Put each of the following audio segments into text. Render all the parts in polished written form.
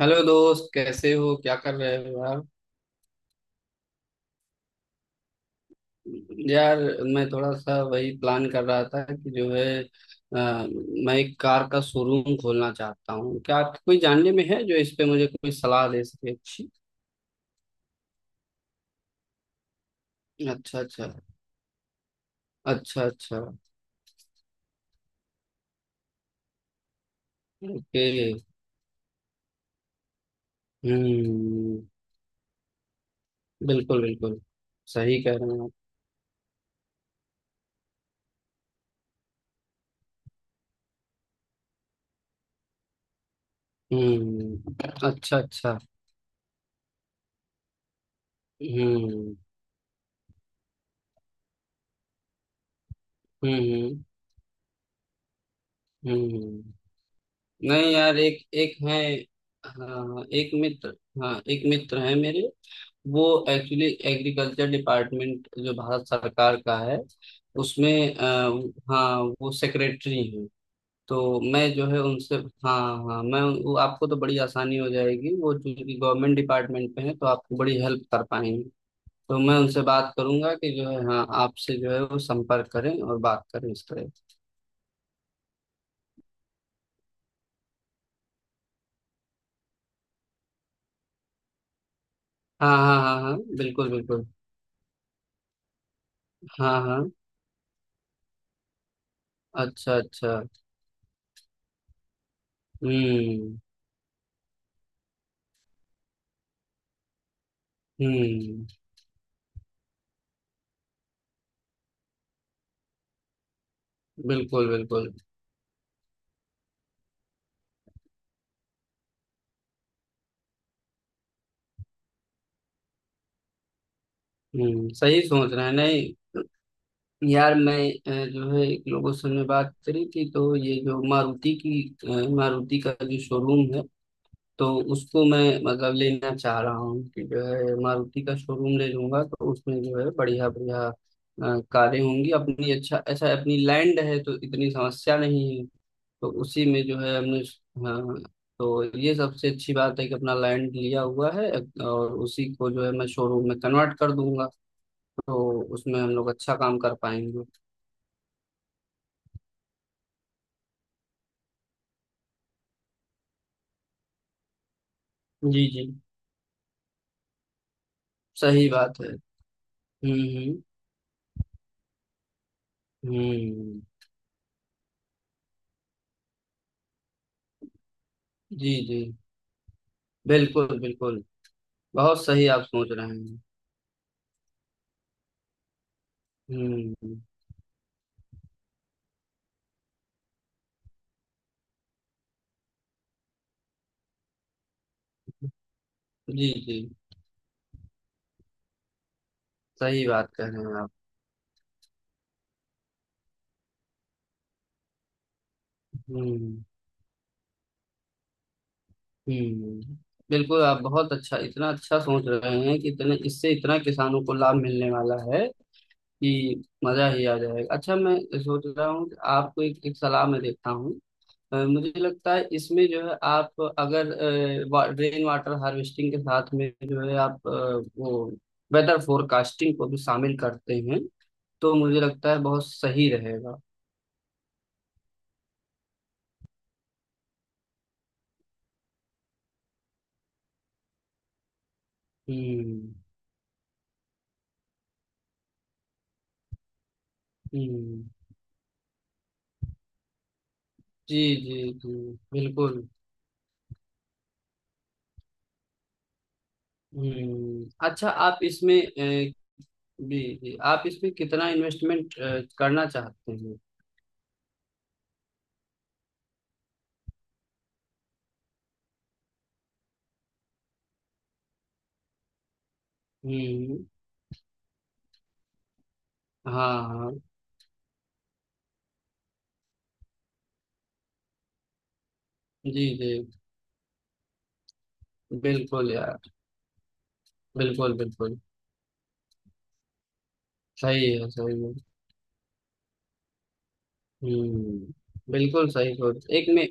Hello दोस्त, कैसे हो? क्या कर रहे हो यार? यार, मैं थोड़ा सा वही प्लान कर रहा था कि जो है मैं एक कार का शोरूम खोलना चाहता हूँ। क्या आपके कोई जानने में है जो इस पे मुझे कोई सलाह दे सके अच्छी? अच्छा, अच्छा। अच्छा, अच्छा। ओके। हम्म। बिल्कुल, बिल्कुल। सही कह रहे हैं आप। हम्म। अच्छा, अच्छा। हम्म, हम्म। हम्म, हम्म। नहीं यार, एक एक है। हाँ, एक मित्र। हाँ, एक मित्र है मेरे। वो एक्चुअली एग्रीकल्चर डिपार्टमेंट, जो भारत सरकार का है, उसमें हाँ वो सेक्रेटरी हैं। तो मैं जो है उनसे, हाँ, हाँ, मैं वो आपको तो बड़ी आसानी हो जाएगी, वो चूंकि गवर्नमेंट डिपार्टमेंट पे है तो आपको बड़ी हेल्प कर पाएंगे। तो मैं उनसे बात करूंगा कि जो है, हाँ, आपसे जो है वो संपर्क करें और बात करें इस तरह। हाँ, हाँ, हाँ, हाँ। बिल्कुल, बिल्कुल। हाँ, हाँ। अच्छा, अच्छा। हम्म, हम्म। बिल्कुल, बिल्कुल। हम्म। सही सोच रहे हैं। नहीं यार, मैं जो है एक लोगों से हमने बात करी थी, तो ये जो मारुति का जो शोरूम है, तो उसको मैं मतलब लेना चाह रहा हूँ कि जो है मारुति का शोरूम ले लूंगा। तो उसमें जो है बढ़िया बढ़िया कारें होंगी अपनी। अच्छा, अच्छा। अपनी लैंड है तो इतनी समस्या नहीं है। तो उसी में जो है हमने, हाँ, तो ये सबसे अच्छी बात है कि अपना लैंड लिया हुआ है। और उसी को जो है मैं शोरूम में कन्वर्ट कर दूंगा। तो उसमें हम लोग अच्छा काम कर पाएंगे। जी, जी। सही बात है। हम्म, हम्म, हम्म। जी, जी। बिल्कुल, बिल्कुल। बहुत सही आप सोच रहे हैं। हम्म। जी, जी। सही बात कह रहे हैं आप। हम्म, हम्म। बिल्कुल, आप बहुत अच्छा इतना अच्छा सोच रहे हैं कि इतने इससे इतना किसानों को लाभ मिलने वाला है कि मजा ही आ जाएगा। अच्छा, मैं सोच रहा हूँ कि आपको एक सलाह में देता हूँ। मुझे लगता है इसमें जो है, आप अगर रेन वाटर हार्वेस्टिंग के साथ में जो है आप वो वेदर फोरकास्टिंग को भी शामिल करते हैं, तो मुझे लगता है बहुत सही रहेगा। हम्म, हम्म। जी, जी, जी। बिल्कुल। हम्म। अच्छा, आप इसमें जी, जी, आप इसमें कितना इन्वेस्टमेंट करना चाहते हैं? हम्म। हाँ, हाँ। जी, जी। बिल्कुल यार। बिल्कुल, बिल्कुल। सही है, सही है। हम्म। बिल्कुल सही सोच, एक में,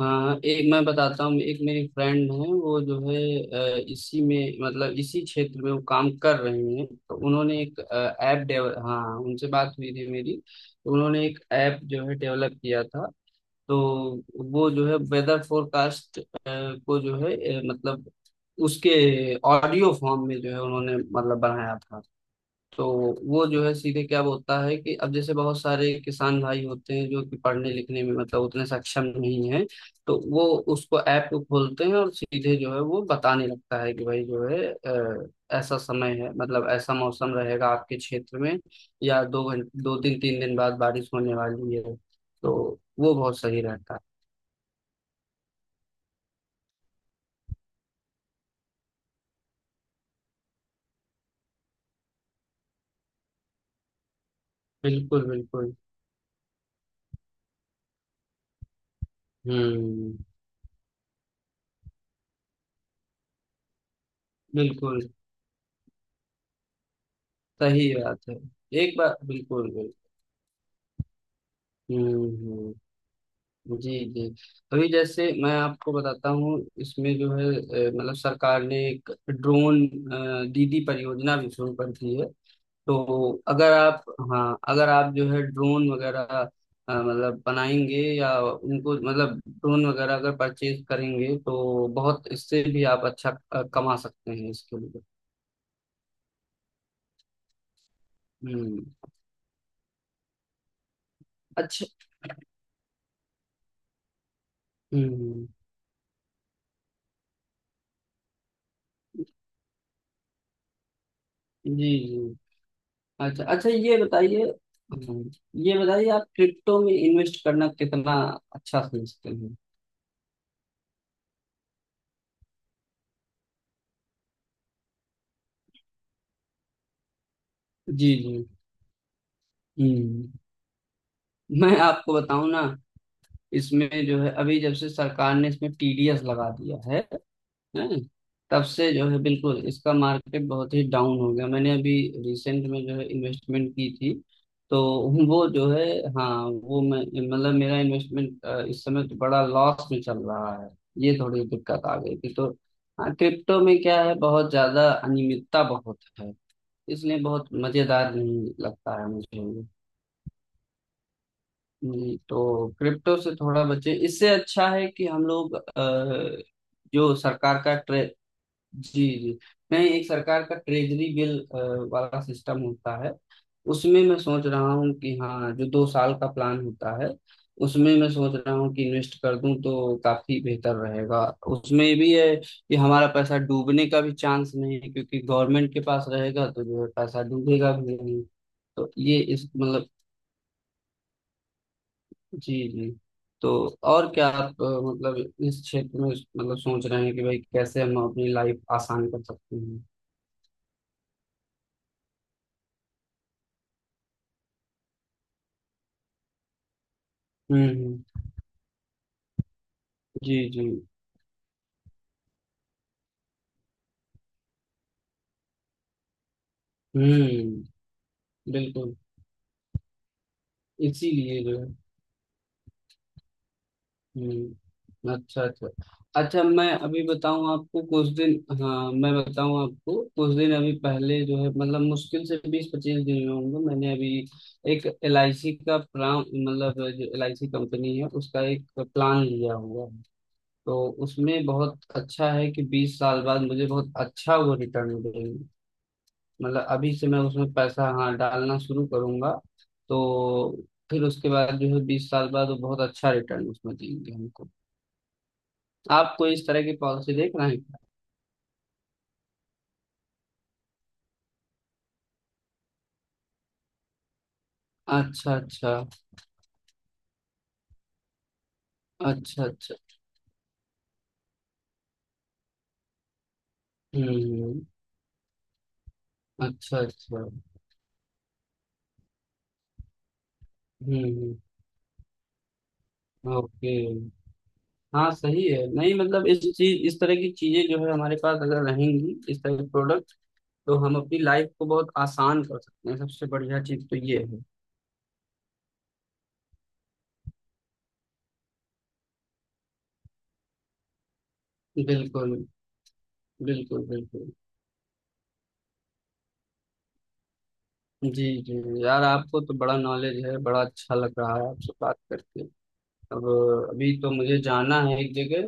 हाँ, एक मैं बताता हूँ, एक मेरी फ्रेंड है वो जो है, इसी में मतलब इसी क्षेत्र में वो काम कर रही हैं। तो उन्होंने एक ऐप डेवल हाँ, उनसे बात हुई थी मेरी। तो उन्होंने एक ऐप जो है डेवलप किया था। तो वो जो है वेदर फोरकास्ट को जो है मतलब उसके ऑडियो फॉर्म में जो है उन्होंने मतलब बनाया था। तो वो जो है सीधे क्या बोलता है कि अब जैसे बहुत सारे किसान भाई होते हैं जो कि पढ़ने लिखने में मतलब उतने सक्षम नहीं है, तो वो उसको ऐप को खोलते हैं और सीधे जो है वो बताने लगता है कि भाई जो है, ऐसा समय है मतलब ऐसा मौसम रहेगा आपके क्षेत्र में, या 2 घंटे, 2 दिन, 3 दिन बाद बारिश होने वाली है। तो वो बहुत सही रहता है। बिल्कुल, बिल्कुल। हम्म। बिल्कुल। सही बात है। एक बार। बिल्कुल, बिल्कुल। हम्म, जी, जी। अभी जैसे मैं आपको बताता हूँ, इसमें जो है मतलब सरकार ने एक ड्रोन दीदी परियोजना भी शुरू कर दी है। तो अगर आप, हाँ, अगर आप जो है ड्रोन वगैरह मतलब बनाएंगे, या उनको मतलब ड्रोन वगैरह अगर परचेज करेंगे, तो बहुत इससे भी आप अच्छा कमा सकते हैं इसके लिए। हम्म। अच्छा। हम्म। जी, जी। अच्छा, अच्छा, ये बताइए। हम्म, ये बताइए, आप क्रिप्टो में इन्वेस्ट करना कितना अच्छा समझते हैं? जी, जी। हम्म। मैं आपको बताऊं ना, इसमें जो है अभी जब से सरकार ने इसमें टीडीएस लगा दिया है, तब से जो है बिल्कुल इसका मार्केट बहुत ही डाउन हो गया। मैंने अभी रिसेंट में जो है इन्वेस्टमेंट की थी, तो वो जो है, हाँ वो मैं मतलब, मेरा इन्वेस्टमेंट इस समय तो बड़ा लॉस में चल रहा है। ये थोड़ी दिक्कत आ गई थी तो, हाँ, क्रिप्टो में क्या है, बहुत ज्यादा अनियमितता बहुत है, इसलिए बहुत मजेदार नहीं लगता है मुझे ये। तो क्रिप्टो से थोड़ा बचे, इससे अच्छा है कि हम लोग जो सरकार का, जी, जी, मैं, एक सरकार का ट्रेजरी बिल वाला सिस्टम होता है, उसमें मैं सोच रहा हूँ कि, हाँ, जो 2 साल का प्लान होता है, उसमें मैं सोच रहा हूँ कि इन्वेस्ट कर दूं तो काफी बेहतर रहेगा। उसमें ये भी है कि हमारा पैसा डूबने का भी चांस नहीं है क्योंकि गवर्नमेंट के पास रहेगा तो जो है पैसा डूबेगा भी नहीं। तो ये इस मतलब, जी, जी। तो और क्या आप मतलब इस क्षेत्र में मतलब सोच रहे हैं कि भाई कैसे हम अपनी लाइफ आसान कर सकते हैं? हम्म, जी, जी। हम्म। बिल्कुल। इसीलिए जो है, हम्म। अच्छा, अच्छा। अच्छा, मैं अभी बताऊं आपको कुछ दिन, हाँ मैं बताऊं आपको, कुछ दिन अभी पहले जो है, मतलब मुश्किल से 20-25 दिन में होंगे, मैंने अभी एक LIC का प्लान, मतलब जो LIC कंपनी है, उसका एक प्लान लिया हुआ है। तो उसमें बहुत अच्छा है कि 20 साल बाद मुझे बहुत अच्छा वो रिटर्न मिलेगा। मतलब अभी से मैं उसमें पैसा, हाँ, डालना शुरू करूंगा। तो फिर उसके बाद जो है 20 साल बाद वो बहुत अच्छा रिटर्न उसमें देंगे हमको। आप कोई इस तरह की पॉलिसी देख रहे हैं क्या? अच्छा, अच्छा। अच्छा, अच्छा। हम्म। अच्छा, अच्छा। हम्म। ओके। हाँ, सही है। नहीं मतलब इस चीज, इस तरह की चीजें जो है हमारे पास अगर रहेंगी, इस तरह के प्रोडक्ट, तो हम अपनी लाइफ को बहुत आसान कर सकते हैं। सबसे बढ़िया चीज तो ये है। बिल्कुल, बिल्कुल। बिल्कुल। जी, जी। यार, आपको तो बड़ा नॉलेज है। बड़ा अच्छा लग रहा है आपसे बात करके। अब अभी तो मुझे जाना है एक जगह,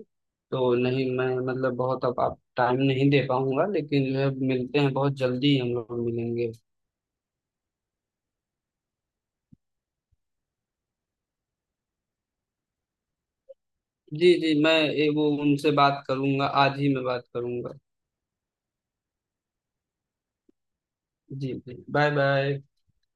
तो नहीं मैं मतलब बहुत अब आप टाइम नहीं दे पाऊंगा, लेकिन जो है मिलते हैं, बहुत जल्दी हम लोग मिलेंगे। जी, जी। मैं वो उनसे बात करूंगा, आज ही मैं बात करूंगा। जी, जी। Bye, bye.